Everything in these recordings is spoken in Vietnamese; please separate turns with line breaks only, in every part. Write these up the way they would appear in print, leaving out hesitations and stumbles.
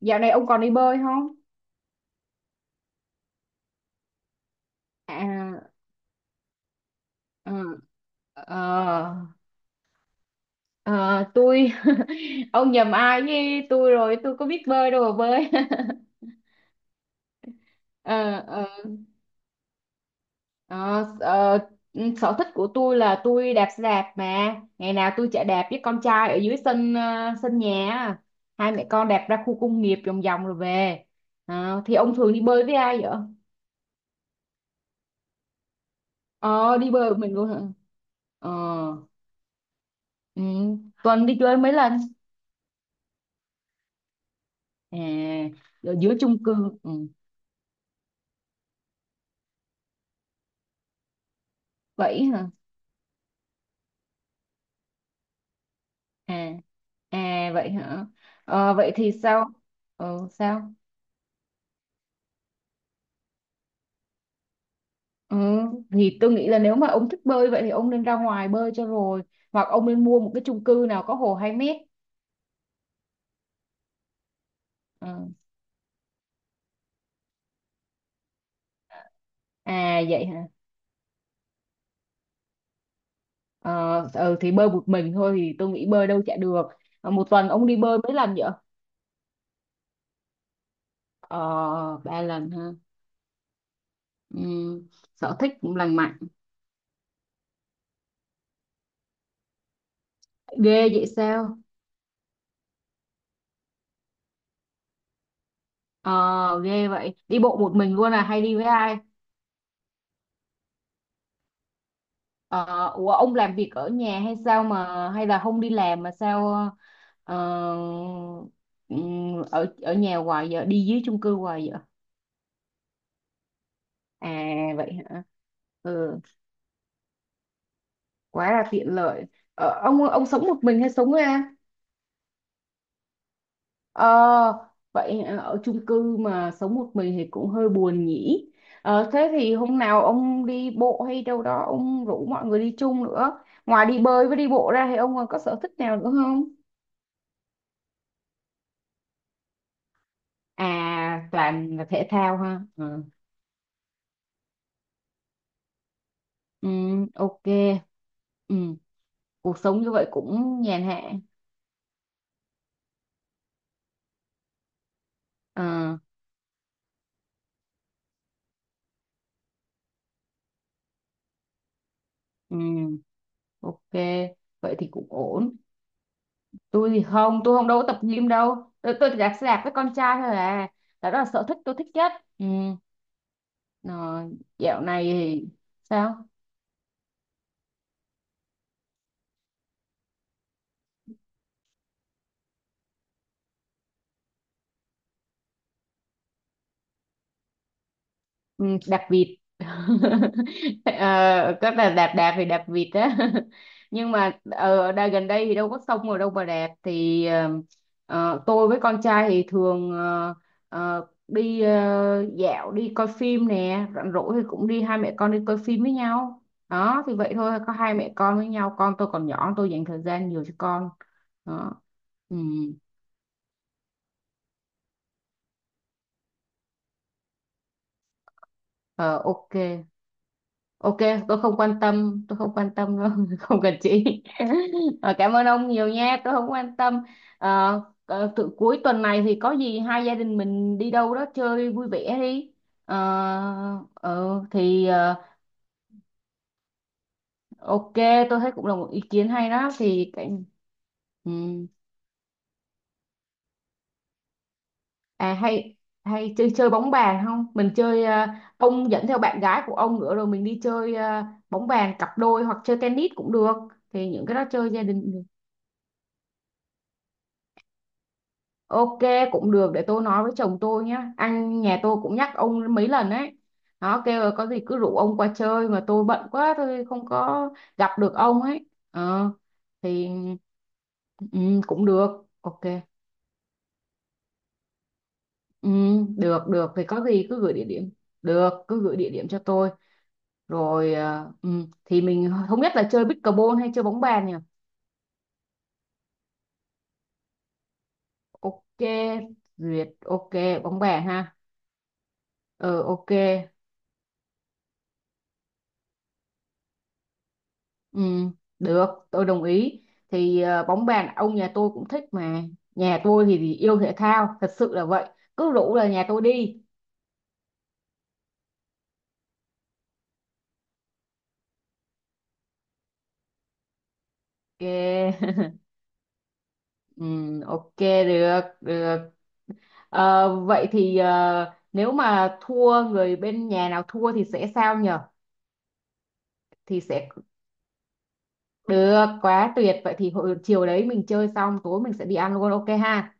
Dạo này ông còn đi bơi không? À, ờ, ờ, ờ, tôi ông nhầm ai với tôi rồi, tôi có biết bơi đâu mà bơi. Ờ, ờ, ờ, ờ, sở thích của tôi là tôi đạp xe đạp, mà ngày nào tôi chạy đạp với con trai ở dưới sân, sân nhà á. Hai mẹ con đạp ra khu công nghiệp vòng vòng rồi về. Ờ, thì ông thường đi bơi với ai vậy? Ờ, đi bơi một mình luôn hả? Ờ, ừ, tuần đi chơi mấy lần? À, ở dưới chung cư. Ừ. Vậy hả? À. À, vậy hả? Ờ, vậy thì sao? Ừ, sao? Ừ, thì tôi nghĩ là nếu mà ông thích bơi vậy thì ông nên ra ngoài bơi cho rồi, hoặc ông nên mua một cái chung cư nào có hồ 2 mét. Ừ. À, vậy hả? Ờ, ừ, thì bơi một mình thôi thì tôi nghĩ bơi đâu chả được. Ờ, một tuần ông đi bơi mấy lần vậy? Ờ, ba lần ha. Ừ. Sở thích cũng lành mạnh. Ghê vậy sao? Ờ, Ghê vậy, đi bộ một mình luôn à hay đi với ai? Ờ, ủa ông làm việc ở nhà hay sao, mà hay là không đi làm mà sao? ờ, Ở ở nhà hoài vậy, đi dưới chung cư hoài vậy. À, vậy hả? Ừ, quá là tiện lợi. Ờ, ông sống một mình hay sống với ai? Ờ, vậy hả? Ở chung cư mà sống một mình thì cũng hơi buồn nhỉ. Ờ, thế thì hôm nào ông đi bộ hay đâu đó, ông rủ mọi người đi chung nữa. Ngoài đi bơi với đi bộ ra thì ông còn có sở thích nào nữa không? À, toàn là thể thao ha. Ừ. Ừ, ok. Ừ. Cuộc sống như vậy cũng nhàn hạ. Ờ. Ừ. Ok, vậy thì cũng ổn. Tôi thì không, tôi không đâu có tập gym đâu, tôi chỉ đạp xe đạp với con trai thôi à. Là đó là sở thích tôi thích nhất. Ừ. Rồi, dạo này thì sao? Ừ, đạp vịt. ờ, có là đạp, đạp thì đạp vịt á. Nhưng mà ở đây gần đây thì đâu có sông rồi đâu mà đạp, thì tôi với con trai thì thường đi dạo, đi coi phim nè, rảnh rỗi thì cũng đi hai mẹ con đi coi phim với nhau. Đó thì vậy thôi, có hai mẹ con với nhau, con tôi còn nhỏ, tôi dành thời gian nhiều cho con. Đó. Ừ. Ờ, ok. Ok, tôi không quan tâm, tôi không quan tâm đâu, không cần chị. Ờ, cảm ơn ông nhiều nha, tôi không quan tâm. Ờ, ờ, tự cuối tuần này thì có gì hai gia đình mình đi đâu đó chơi vui vẻ đi. Ờ, ờ, thì ờ, ok, tôi thấy cũng là một ý kiến hay đó. Thì cái, ừ. À, hay hay chơi chơi bóng bàn không? Mình chơi, ông dẫn theo bạn gái của ông nữa rồi mình đi chơi, bóng bàn cặp đôi hoặc chơi tennis cũng được. Thì những cái đó chơi gia đình. Ok, cũng được, để tôi nói với chồng tôi nhé, anh nhà tôi cũng nhắc ông mấy lần ấy. Nó kêu là có gì cứ rủ ông qua chơi mà tôi bận quá, tôi không có gặp được ông ấy. Ờ, thì. Ừ, cũng được, ok. Ừ, được được, thì có gì cứ gửi địa điểm, được, cứ gửi địa điểm cho tôi. Rồi thì mình không biết là chơi pickleball hay chơi bóng bàn nhỉ. Ok. Duyệt. Ok. Bóng bàn ha. Ờ, ok. Ừ, được, tôi đồng ý. Thì bóng bàn ông nhà tôi cũng thích mà. Nhà tôi thì yêu thể thao, thật sự là vậy. Cứ rủ là nhà tôi đi. Ok. Ừ, ok, được, được. Ờ, vậy thì nếu mà thua, người bên nhà nào thua thì sẽ sao nhở? Thì sẽ được, quá tuyệt. Vậy thì hồi chiều đấy mình chơi xong, tối mình sẽ đi ăn luôn, ok ha?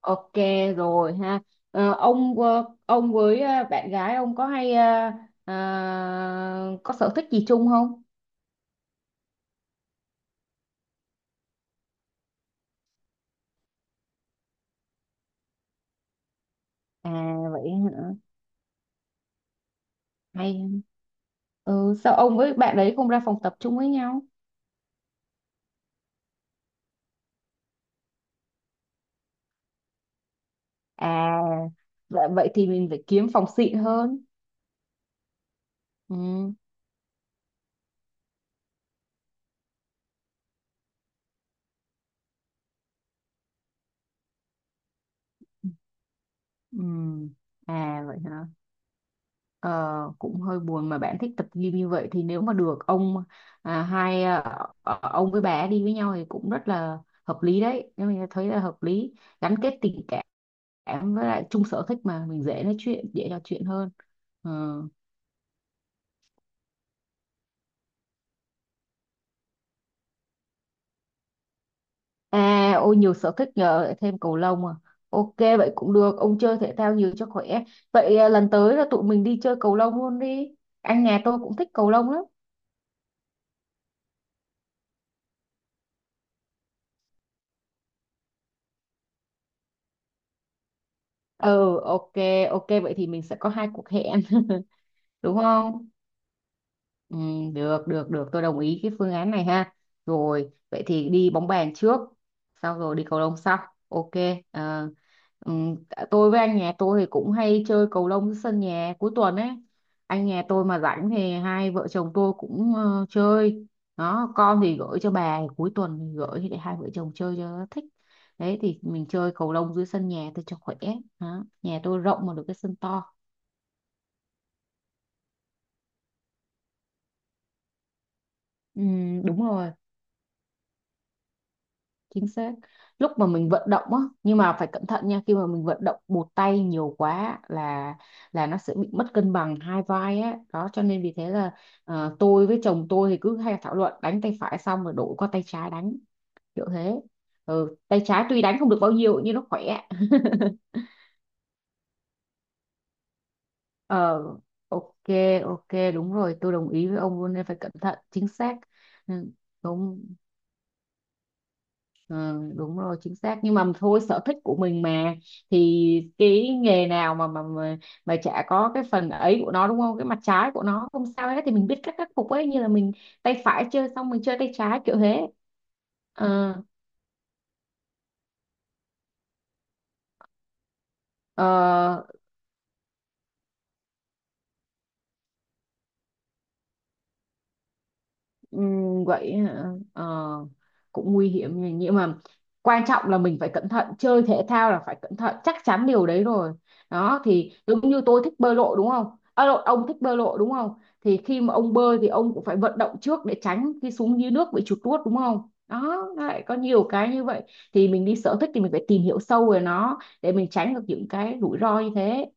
Ok, rồi ha. Ờ, ông với bạn gái ông có hay, có sở thích gì chung không? À, vậy hả? Hay. Ừ, sao ông với bạn đấy không ra phòng tập chung với nhau? À. Vậy, vậy thì mình phải kiếm phòng xịn hơn. Ừ. Ừ. À, vậy hả? Ờ, cũng hơi buồn mà bạn thích tập gym như vậy, thì nếu mà được ông, à, hai à, ông với bà đi với nhau thì cũng rất là hợp lý đấy. Nếu mình thấy là hợp lý, gắn kết tình cảm em với lại chung sở thích mà mình dễ nói chuyện, dễ trò chuyện hơn. Ừ. À, ôi nhiều sở thích nhờ, lại thêm cầu lông à. Ok, vậy cũng được, ông chơi thể thao nhiều cho khỏe. Vậy à, lần tới là tụi mình đi chơi cầu lông luôn đi, anh nhà tôi cũng thích cầu lông lắm. Ừ, ok. Ok, vậy thì mình sẽ có hai cuộc hẹn. Đúng không? Ừ, được được được, tôi đồng ý cái phương án này ha. Rồi vậy thì đi bóng bàn trước, sau rồi đi cầu lông sau. Ok. ờ, ừm, tôi với anh nhà tôi thì cũng hay chơi cầu lông dưới sân nhà cuối tuần ấy. Anh nhà tôi mà rảnh thì hai vợ chồng tôi cũng chơi. Đó, con thì gửi cho bà, cuối tuần thì gửi để hai vợ chồng chơi cho nó thích. Đấy thì mình chơi cầu lông dưới sân nhà tôi cho khỏe. Đó. Nhà tôi rộng mà được cái sân to. Ừ, đúng rồi, chính xác. Lúc mà mình vận động á, nhưng mà phải cẩn thận nha, khi mà mình vận động một tay nhiều quá là nó sẽ bị mất cân bằng hai vai á, đó cho nên vì thế là tôi với chồng tôi thì cứ hay thảo luận, đánh tay phải xong rồi đổi qua tay trái đánh, kiểu thế. Ừ, tay trái tuy đánh không được bao nhiêu nhưng nó khỏe. Ờ, ok. Ok, đúng rồi, tôi đồng ý với ông luôn, nên phải cẩn thận, chính xác. Ừ, đúng. Ừ, đúng rồi, chính xác, nhưng mà thôi, sở thích của mình mà. Thì cái nghề nào mà mà chả có cái phần ấy của nó, đúng không? Cái mặt trái của nó không sao hết, thì mình biết cách khắc phục ấy, như là mình tay phải chơi xong mình chơi tay trái kiểu thế. Ờ. Ờ. Vậy hả? Ờ, cũng nguy hiểm nhỉ. Nhưng mà quan trọng là mình phải cẩn thận, chơi thể thao là phải cẩn thận, chắc chắn điều đấy rồi. Đó, thì giống như tôi thích bơi lội đúng không. À, lộn, ông thích bơi lội đúng không. Thì khi mà ông bơi thì ông cũng phải vận động trước để tránh khi xuống dưới nước bị chuột rút, đúng không? Đó, nó lại có nhiều cái như vậy. Thì mình đi sở thích thì mình phải tìm hiểu sâu về nó để mình tránh được những cái rủi ro như thế.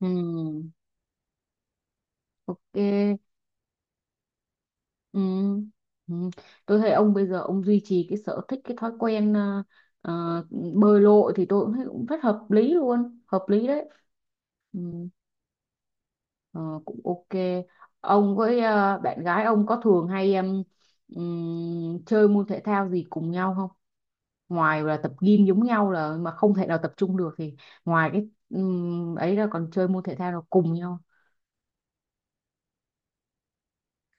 Ừm, ok. Ừ. Ừ. Tôi thấy ông bây giờ ông duy trì cái sở thích, cái thói quen ờ, bơi lội thì tôi cũng thấy cũng rất hợp lý luôn, hợp lý đấy. Ừ. Ờ, cũng ok. Ông với bạn gái ông có thường hay em, chơi môn thể thao gì cùng nhau không, ngoài là tập gym giống nhau là mà không thể nào tập trung được thì ngoài cái ấy ra còn chơi môn thể thao nào cùng nhau.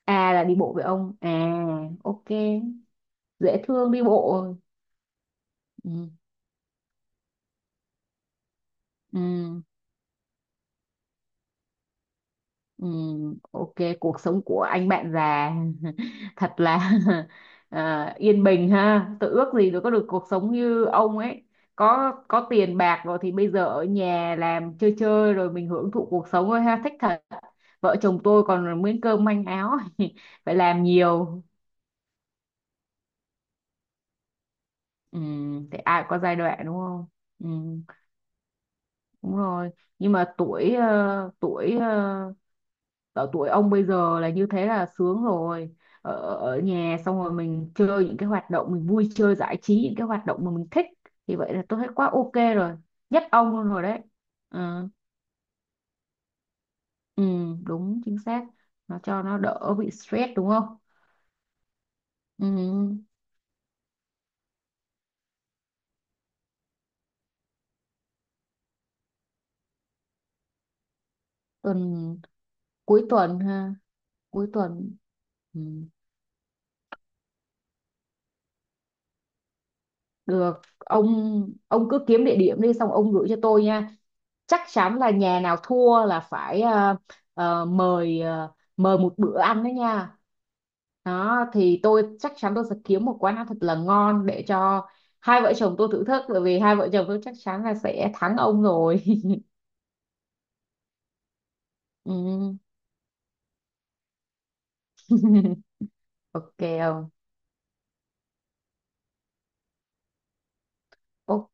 À, là đi bộ với ông à. Ok, dễ thương, đi bộ. Ừ. Ừ. Ok, cuộc sống của anh bạn già. Thật là. À, yên bình ha. Tôi ước gì được có được cuộc sống như ông ấy. Có tiền bạc rồi thì bây giờ ở nhà làm chơi chơi rồi mình hưởng thụ cuộc sống thôi ha, thích thật. Vợ chồng tôi còn miếng cơm manh áo phải làm nhiều. Thì ai cũng có giai đoạn đúng không? Ừm, đúng rồi. Nhưng mà tuổi, ở tuổi ông bây giờ là như thế là sướng rồi, ở nhà xong rồi mình chơi những cái hoạt động, mình vui chơi giải trí, những cái hoạt động mà mình thích, thì vậy là tôi thấy quá ok rồi, nhất ông luôn rồi đấy. Ừ, ừ. Đúng, chính xác, nó cho nó đỡ bị stress đúng không? Ừ, tuần. Cuối tuần ha. Cuối tuần. Ừ, được ông cứ kiếm địa điểm đi xong ông gửi cho tôi nha. Chắc chắn là nhà nào thua là phải, mời, mời một bữa ăn đó nha. Đó thì tôi chắc chắn tôi sẽ kiếm một quán ăn thật là ngon để cho hai vợ chồng tôi thử thức, bởi vì hai vợ chồng tôi chắc chắn là sẽ thắng ông rồi. Ừ. Ok ông. O-.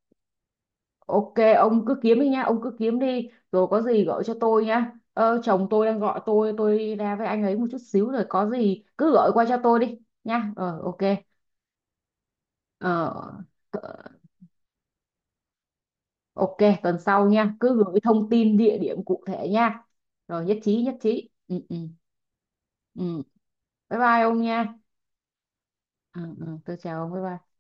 Ok, ông cứ kiếm đi nha, ông cứ kiếm đi rồi có gì gọi cho tôi nha, chồng tôi đang gọi tôi ra với anh ấy một chút xíu rồi có gì cứ gọi qua cho tôi đi nha. Ờ, ok. Ờ. Ờ, ok, tuần sau nha, cứ gửi thông tin địa điểm cụ thể nha. Rồi, nhất trí, nhất trí. Ừ, ừ, ừ. Bye bye ông nha. Ừ, ừ, tôi chào ông, bye bye.